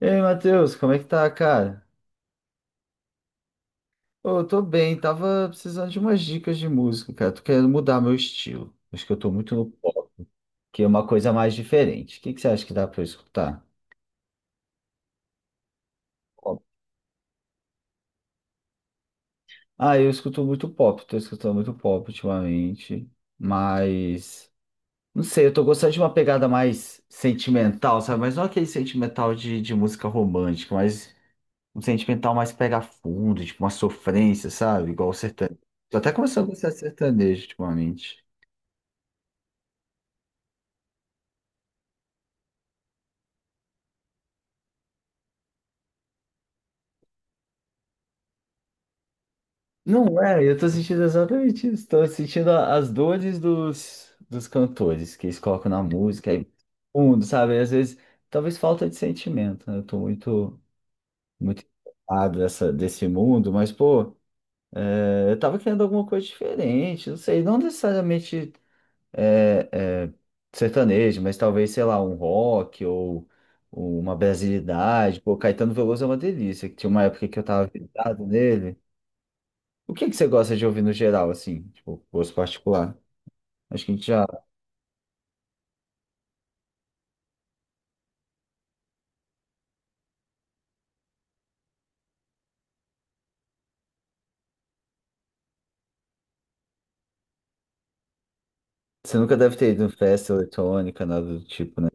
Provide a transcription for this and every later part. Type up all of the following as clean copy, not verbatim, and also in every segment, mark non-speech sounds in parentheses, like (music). Ei, Matheus, como é que tá, cara? Ô, eu tô bem, tava precisando de umas dicas de música, cara. Tô querendo mudar meu estilo. Acho que eu tô muito no pop, que é uma coisa mais diferente. O que que você acha que dá pra eu escutar? Pop. Ah, eu escuto muito pop, tô escutando muito pop ultimamente, mas não sei, eu tô gostando de uma pegada mais sentimental, sabe? Mas não aquele sentimental de música romântica, mas um sentimental mais pega fundo, tipo uma sofrência, sabe? Igual o sertanejo. Tô até começando a gostar de sertanejo ultimamente. Não é, eu tô sentindo exatamente isso. Tô sentindo as dores dos cantores que eles colocam na música aí, fundo, sabe? Às vezes, talvez falta de sentimento, né? Eu tô muito, muito empolgado desse mundo, mas, pô, eu tava querendo alguma coisa diferente, não sei, não necessariamente é, é, sertanejo, mas talvez, sei lá, um rock ou uma brasilidade. Pô, Caetano Veloso é uma delícia, que tinha uma época que eu tava vidrado nele. O que é que você gosta de ouvir no geral, assim? Tipo, gosto particular. Acho que a gente já. Você nunca deve ter ido em festa eletrônica, nada do tipo, né?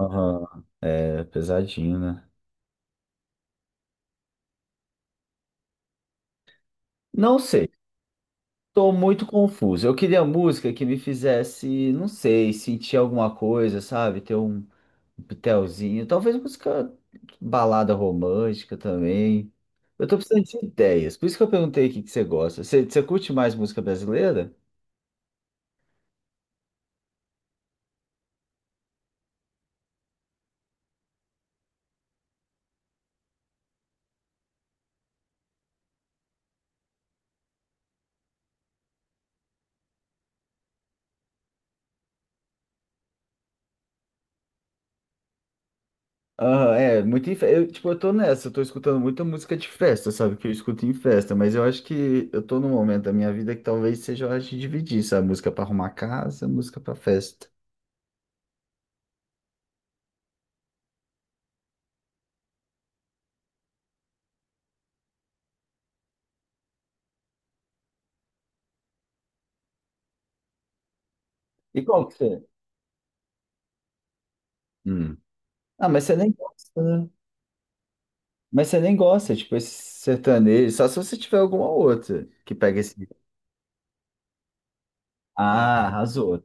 Aham. É pesadinho, né? Não sei. Tô muito confuso. Eu queria música que me fizesse, não sei, sentir alguma coisa, sabe? Ter um pitelzinho. Talvez música balada romântica também. Eu tô precisando de ideias. Por isso que eu perguntei o que que você gosta. Você, você curte mais música brasileira? Aham, é, muito em festa. Eu, tipo, eu tô nessa, eu tô escutando muita música de festa, sabe? Que eu escuto em festa, mas eu acho que eu tô num momento da minha vida que talvez seja hora de dividir, sabe? Música pra arrumar casa, música pra festa. E qual que você? Hum. Ah, mas você nem gosta, né? Mas você nem gosta, tipo, esse sertanejo, só se você tiver alguma outra que pega esse. Ah, arrasou.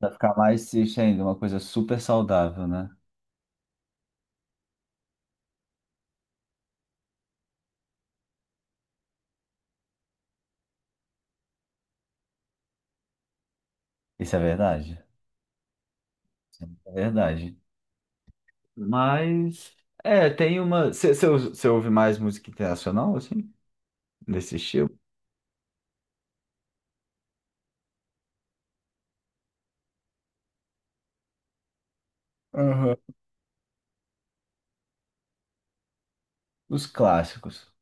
Vai ficar mais triste ainda, uma coisa super saudável, né? Isso é verdade. Isso é verdade. Mas é, tem uma. Você ouve mais música internacional, assim? Desse estilo? Aham. Os clássicos.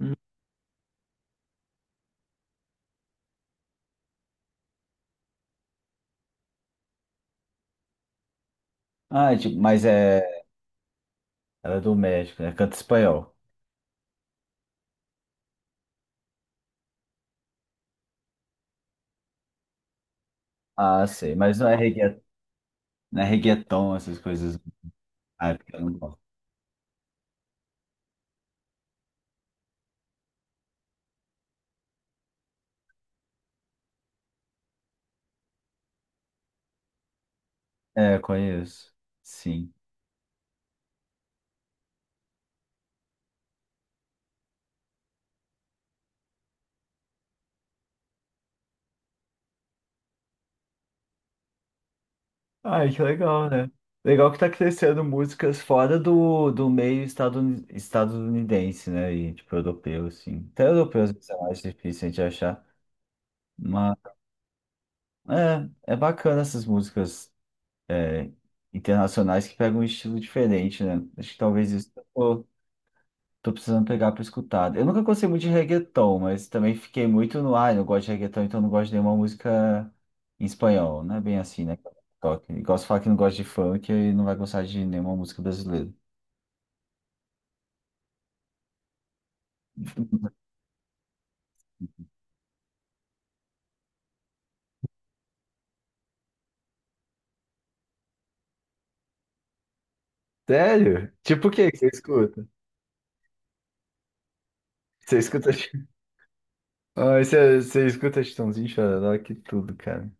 Hum. Ah, é tipo, mas é. Ela é do México, né? Canta espanhol. Ah, sei. Mas não é reggae, não é reggaeton, essas coisas. Ah, porque eu não gosto. É, conheço. Sim. Ai, que legal, né? Legal que tá crescendo músicas fora do meio estadunidense, né? E tipo, europeu, assim. Até europeus isso é mais difícil de achar. É, é bacana essas músicas é, internacionais que pegam um estilo diferente, né? Acho que talvez isso tô precisando pegar para escutar. Eu nunca gostei muito de reggaeton, mas também fiquei muito no, ar. Ah, eu não gosto de reggaeton, então eu não gosto de nenhuma música em espanhol, né? Bem assim, né? Toque. Gosto de falar que não gosta de funk e não vai gostar de nenhuma música brasileira. Sério? Tipo o que que você escuta? Você escuta. (laughs) Ai, você, você escuta Chitãozinho, Chororó, que tudo, cara.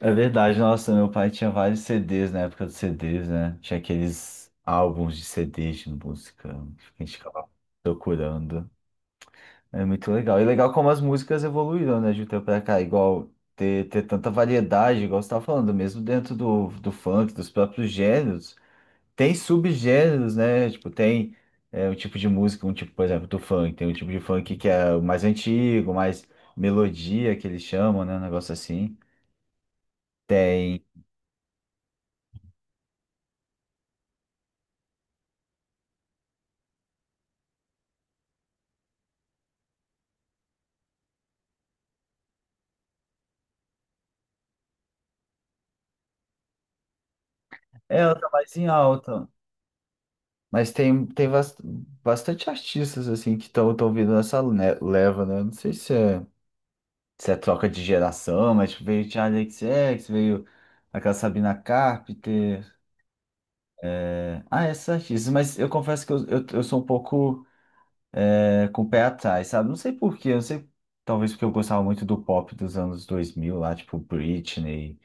É verdade, nossa, meu pai tinha vários CDs na época dos CDs, né? Tinha aqueles álbuns de CDs de música que a gente ficava procurando. É muito legal. E legal como as músicas evoluíram, né, de um tempo pra cá. Igual ter tanta variedade, igual você tava falando, mesmo dentro do funk, dos próprios gêneros, tem subgêneros, né? Tipo, tem um tipo de música, um tipo, por exemplo, do funk. Tem um tipo de funk que é o mais antigo, mais melodia, que eles chamam, né? Um negócio assim. É, ela tá mais em alta. Mas tem, bastante artistas, assim, que estão tão vindo nessa leva, né? Não sei se é troca de geração, mas tipo, veio Charli XCX, veio aquela Sabina Carpenter. Esses artistas. Mas eu confesso que eu sou um pouco com o pé atrás, sabe? Não sei por quê, não sei. Talvez porque eu gostava muito do pop dos anos 2000, lá, tipo Britney.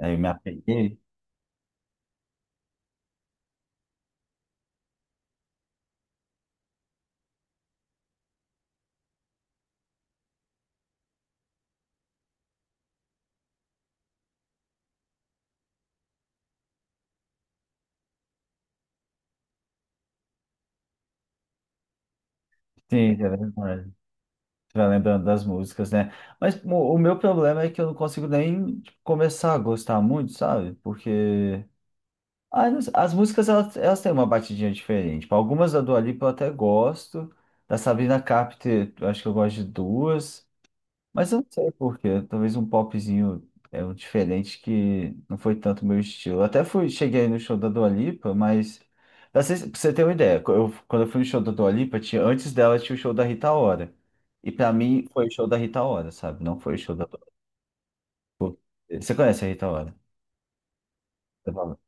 Aí eu me apeguei. Sim, é verdade. Vai lembrando das músicas, né? Mas o meu problema é que eu não consigo nem tipo, começar a gostar muito, sabe? Porque ah, não sei, as músicas elas têm uma batidinha diferente. Tipo, algumas da Dua Lipa eu até gosto, da Sabrina Carpenter eu acho que eu gosto de duas. Mas eu não sei por quê. Talvez um popzinho é um diferente que não foi tanto meu estilo. Eu até fui, cheguei no show da Dua Lipa, mas pra você ter uma ideia, quando eu fui no show da Dua Lipa, tinha, antes dela tinha o show da Rita Ora. E pra mim foi o show da Rita Ora, sabe? Não foi o show da Dua Lipa. Você conhece a Rita Ora? Eu falo.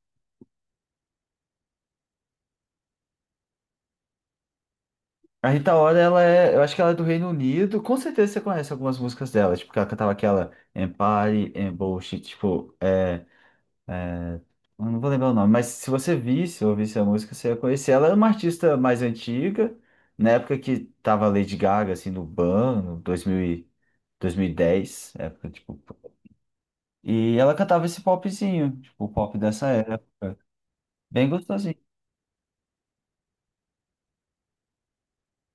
A Rita Ora, ela é, eu acho que ela é do Reino Unido. Com certeza você conhece algumas músicas dela, tipo, que ela cantava aquela Empire, Embush, tipo, é, eu não vou lembrar o nome, mas se você visse ou ouvisse a música, você ia conhecer. Ela é uma artista mais antiga, na época que tava Lady Gaga, assim, no 2000 2010, época, tipo. E ela cantava esse popzinho, tipo, o pop dessa época. Bem gostosinho.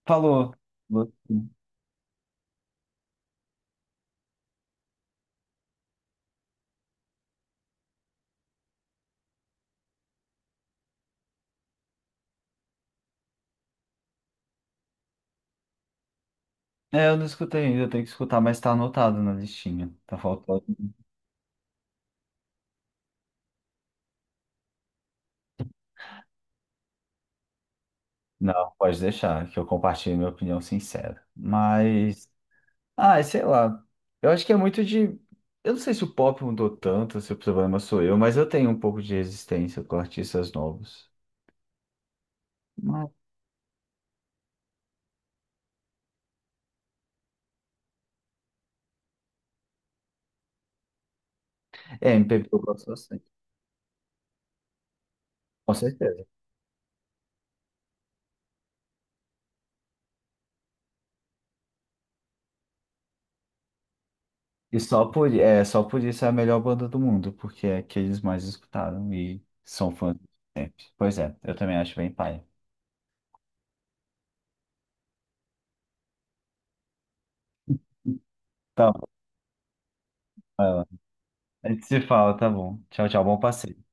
Falou. Gostei. É, eu não escutei ainda, eu tenho que escutar, mas tá anotado na listinha. Tá faltando. Não, pode deixar, que eu compartilho minha opinião sincera. Mas. Ah, sei lá. Eu acho que é muito de. Eu não sei se o pop mudou tanto, se o problema sou eu, mas eu tenho um pouco de resistência com artistas novos. Mas- É, MPB eu gosto bastante. Com certeza. E só só por isso é a melhor banda do mundo, porque é que eles mais escutaram e são fãs de sempre. Pois é, eu também acho bem pai. Tá bom, vai lá. A gente se fala, tá bom. Tchau, tchau, bom passeio.